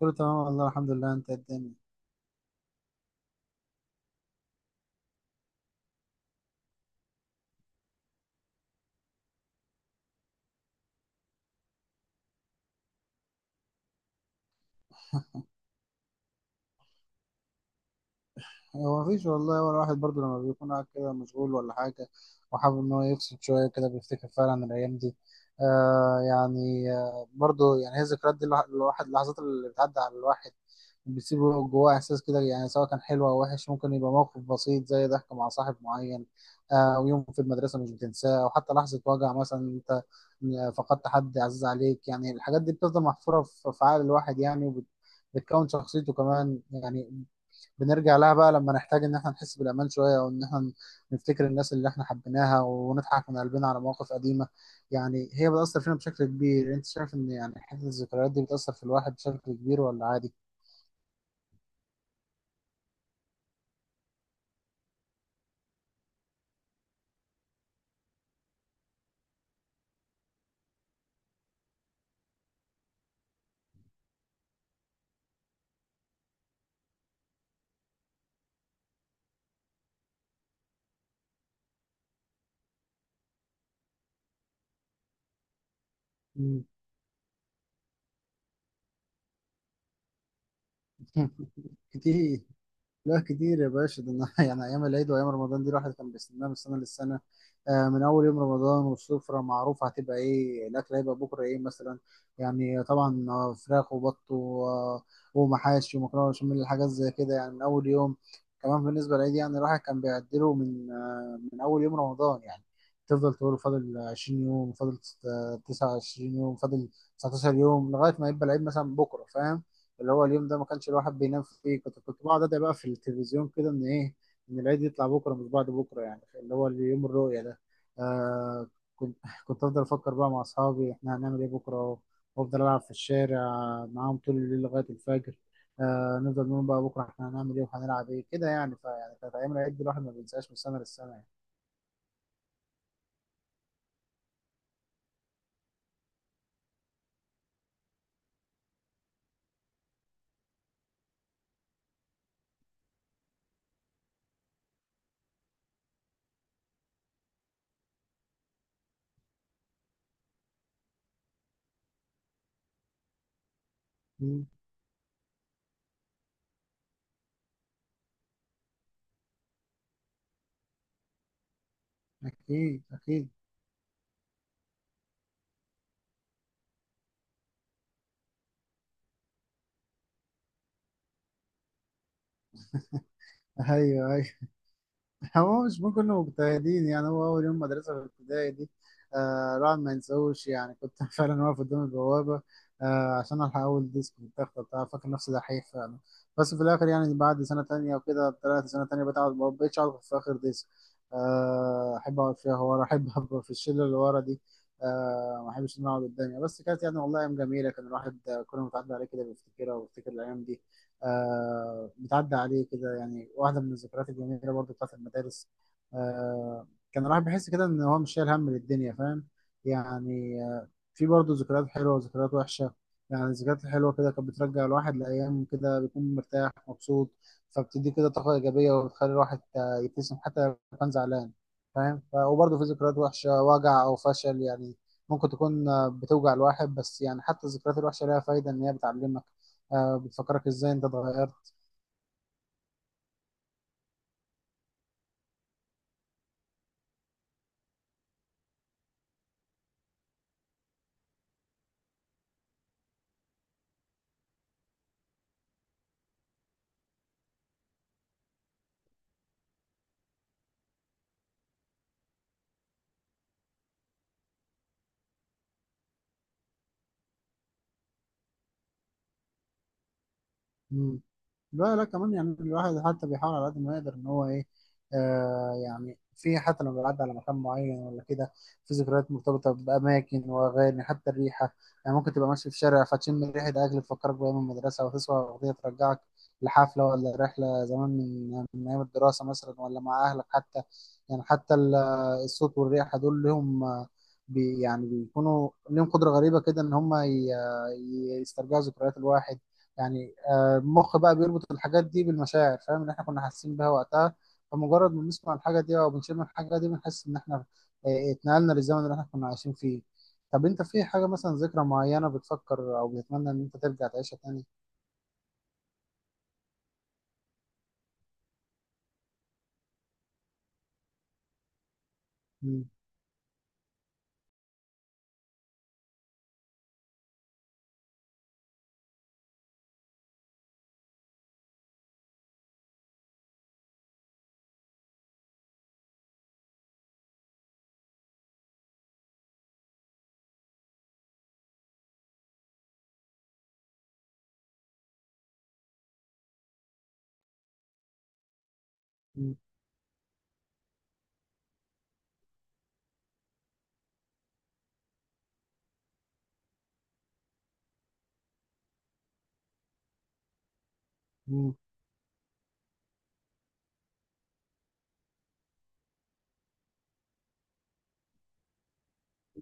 كله تمام، والله الحمد لله. انت إيه الدنيا؟ هو مفيش والله. هو الواحد برضه لما بيكون قاعد كده مشغول ولا حاجة، وحابب إن هو يفصل شوية كده، بيفتكر فعلا الأيام دي. يعني برضه، يعني هي الذكريات دي، اللحظات اللي بتعدي على الواحد بتسيب جواه إحساس كده، يعني سواء كان حلو أو وحش. ممكن يبقى موقف بسيط زي ضحك مع صاحب معين. ويوم في المدرسة مش بتنساه، أو حتى لحظة وجع مثلا أنت فقدت حد عزيز عليك. يعني الحاجات دي بتفضل محفورة في عقل الواحد، يعني بتكون شخصيته كمان يعني. بنرجع لها بقى لما نحتاج ان احنا نحس بالامان شويه، او ان احنا نفتكر الناس اللي احنا حبيناها، ونضحك من قلبنا على مواقف قديمه. يعني هي بتاثر فينا بشكل كبير. انت شايف ان يعني حته الذكريات دي بتاثر في الواحد بشكل كبير ولا عادي؟ مم. كتير. لا كتير يا باشا، ده انا يعني ايام العيد وايام رمضان دي الواحد كان بيستناها من السنه للسنه. من اول يوم رمضان والسفره معروفه، هتبقى ايه الاكل، هيبقى بكره ايه مثلا. يعني طبعا، فراخ وبط ومحاشي ومكرونه بشاميل، حاجات زي كده يعني من اول يوم. كمان بالنسبه للعيد، يعني الواحد كان بيعدله من من اول يوم رمضان يعني. تفضل تقول فاضل 20 يوم، فاضل 29 يوم، فاضل 19 يوم، لغايه ما يبقى العيد مثلا بكره، فاهم. اللي هو اليوم ده ما كانش الواحد بينام فيه. كنت بقعد ادعي بقى في التلفزيون كده، ان ايه، ان العيد يطلع بكره مش بعد بكره، يعني اللي هو يوم الرؤيه ده. آه، كنت كنت افضل افكر بقى مع اصحابي احنا هنعمل ايه بكره، وافضل العب في الشارع معاهم طول الليل لغايه الفجر. آه، نفضل نقول بقى بكره احنا هنعمل ايه وهنلعب ايه، كده يعني. فيعني كانت ايام العيد دي الواحد ما بينساهاش من سنه للسنه يعني. مم، اكيد اكيد. ايوه ايوه. هو مش ممكن كنا مجتهدين، يعني هو أول يوم مدرسة في الابتدائي دي، آه، الواحد ما ينساهوش يعني. كنت فعلا واقف قدام البوابة، آه، عشان ألحق أول ديسك والتخته بتاع، فاكر نفسي دحيح فعلا. بس في الآخر يعني بعد سنة تانية وكده، طلعت سنة تانية بتقعد، ما بقتش أقعد في آخر ديسك، آه، أحب أقعد فيها ورا. أحب أبقى في الشلة اللي ورا دي، آه، ما أحبش إن أنا أقعد قدامي. بس كانت يعني والله أيام جميلة. كان الواحد كل ما بتعدي عليه كده بيفتكرها وبيفتكر الأيام دي. آه، بتعدي عليه كده، يعني واحدة من الذكريات الجميلة برضو بتاعت المدارس. آه كان الواحد بيحس كده إن هو مش شايل هم للدنيا، فاهم يعني في برضو ذكريات حلوة وذكريات وحشة. يعني الذكريات الحلوة كده كانت بترجع الواحد لأيام كده بيكون مرتاح مبسوط، فبتدي كده طاقة إيجابية وبتخلي الواحد يبتسم حتى لو كان زعلان، فاهم. وبرضه في ذكريات وحشة، وجع أو فشل، يعني ممكن تكون بتوجع الواحد. بس يعني حتى الذكريات الوحشة لها فايدة، إن هي بتعلمك، آه، بتفكرك ازاي انت اتغيرت. لا لا، كمان يعني الواحد حتى بيحاول على قد ما يقدر ان هو ايه، يعني. في حتى لما بيعدي على مكان معين ولا كده، في ذكريات مرتبطه باماكن واغاني، حتى الريحه. يعني ممكن تبقى ماشي في شارع فتشم ريحه اكل تفكرك بايام المدرسه، او تسمع اغنيه ترجعك لحفله ولا رحله زمان من ايام الدراسه مثلا، ولا مع اهلك حتى. يعني حتى الصوت والريحه دول لهم، يعني بيكونوا لهم قدره غريبه كده ان هم يسترجعوا ذكريات الواحد. يعني المخ بقى بيربط الحاجات دي بالمشاعر، فاهم، اللي احنا كنا حاسين بيها وقتها. فمجرد ما بنسمع الحاجة دي أو بنشم الحاجة دي، بنحس إن احنا اتنقلنا للزمن اللي احنا كنا عايشين فيه. طب أنت في حاجة مثلا، ذكرى معينة بتفكر أو بتتمنى إن أنت ترجع تعيشها تاني؟ مم، مم، مم.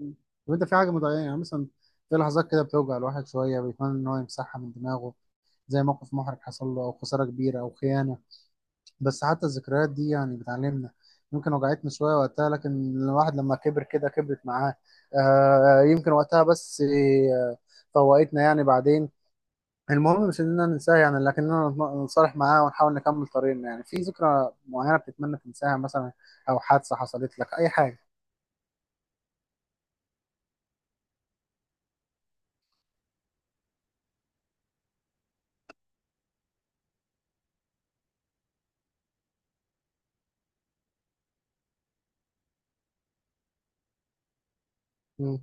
مم. طب أنت في حاجة مضايقة يعني مثلا، في لحظات كده بتوجع الواحد شوية بيتمنى إن هو يمسحها من دماغه، زي موقف محرج حصل له أو خسارة كبيرة أو خيانة. بس حتى الذكريات دي يعني بتعلمنا. يمكن وجعتنا شوية وقتها، لكن الواحد لما كبر كده كبرت معاه، آه. يمكن وقتها بس آه، فوقتنا يعني بعدين. المهم مش اننا ننساها، يعني لكننا نتصالح معاه ونحاول نكمل طريقنا. يعني في ذكرى معينة بتتمنى تنساها مثلا، او حادثة حصلت لك اي حاجة؟ مم.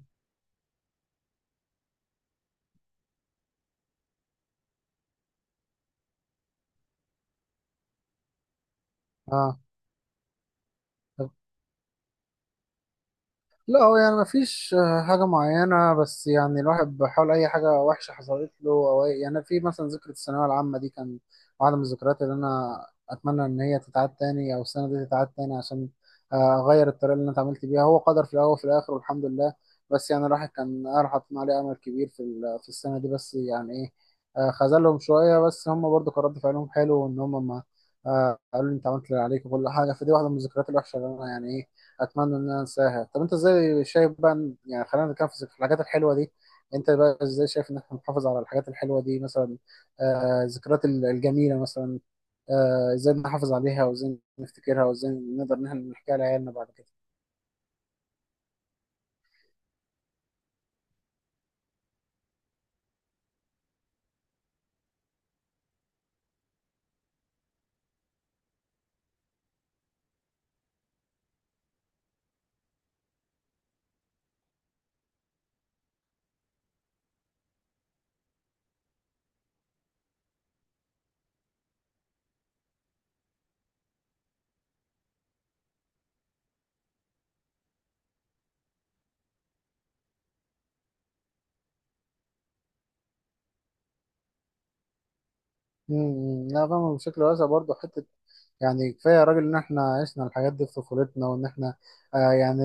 اه. لا، هو يعني مفيش حاجة معينة. بس يعني الواحد بيحاول، أي حاجة وحشة حصلت له أو أي، يعني في مثلا ذكرى الثانوية العامة دي، كان واحدة من الذكريات اللي أنا أتمنى إن هي تتعاد تاني أو السنة دي تتعاد تاني، عشان أغير الطريقة اللي أنا اتعاملت بيها. هو قدر في الأول وفي الآخر والحمد لله، بس يعني الواحد كان، أنا حاطين عليه أمل كبير في السنة دي. بس يعني إيه، خذلهم شوية. بس هم برضو كان رد فعلهم حلو، وإن هم ما، قالوا لي أنت عملت اللي عليك وكل حاجة. فدي واحدة من الذكريات الوحشة اللي أنا يعني إيه، اتمنى ان انا انساها. طب انت ازاي شايف بقى يعني خلينا نتكلم في الحاجات الحلوه دي. انت بقى ازاي شايف ان احنا نحافظ على الحاجات الحلوه دي، مثلا الذكريات الجميله مثلا. ازاي نحافظ عليها، وازاي نفتكرها، وازاي نقدر ان احنا نحكيها لعيالنا بعد كده؟ لا، فاهم بشكل واسع برضه. حته يعني كفايه يا راجل ان احنا عشنا الحاجات دي في طفولتنا، وان احنا يعني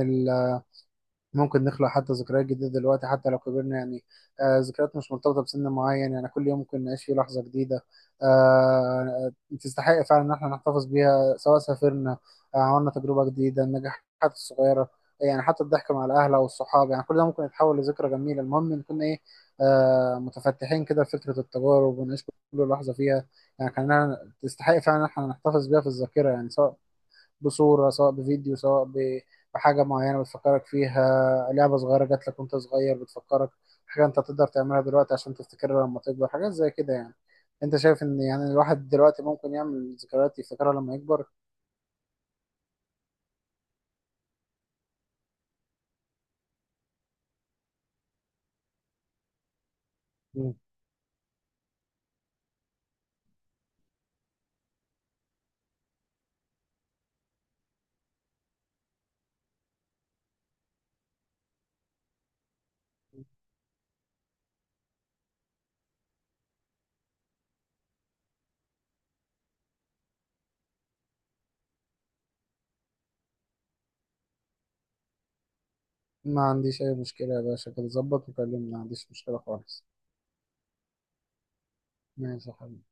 ممكن نخلق حتى ذكريات جديدة دلوقتي حتى لو كبرنا، يعني. آه، ذكريات مش مرتبطة بسن معين، يعني كل يوم ممكن نعيش فيه لحظة جديدة، آه، تستحق فعلا إن احنا نحتفظ بيها. سواء سافرنا، آه، عملنا تجربة جديدة، النجاحات الصغيرة، يعني حتى الضحك مع الأهل أو الصحاب، يعني كل ده ممكن يتحول لذكرى جميلة. المهم نكون إيه، متفتحين كده لفكرة التجارب، ونعيش كل لحظة فيها، يعني كأنها تستحق فعلا إن احنا نحتفظ بيها في الذاكرة. يعني سواء بصورة، سواء بفيديو، سواء بحاجة معينة بتفكرك فيها، لعبة صغيرة جات لك وانت صغير بتفكرك حاجة انت تقدر تعملها دلوقتي عشان تفتكرها لما تكبر، حاجات زي كده يعني. انت شايف ان يعني الواحد دلوقتي ممكن يعمل ذكريات يفتكرها لما يكبر؟ مم. ما عنديش اي مشكلة يا باشا، كده ظبط وكلمني، ما عنديش مشكلة خالص. ماشي يا حبيبي.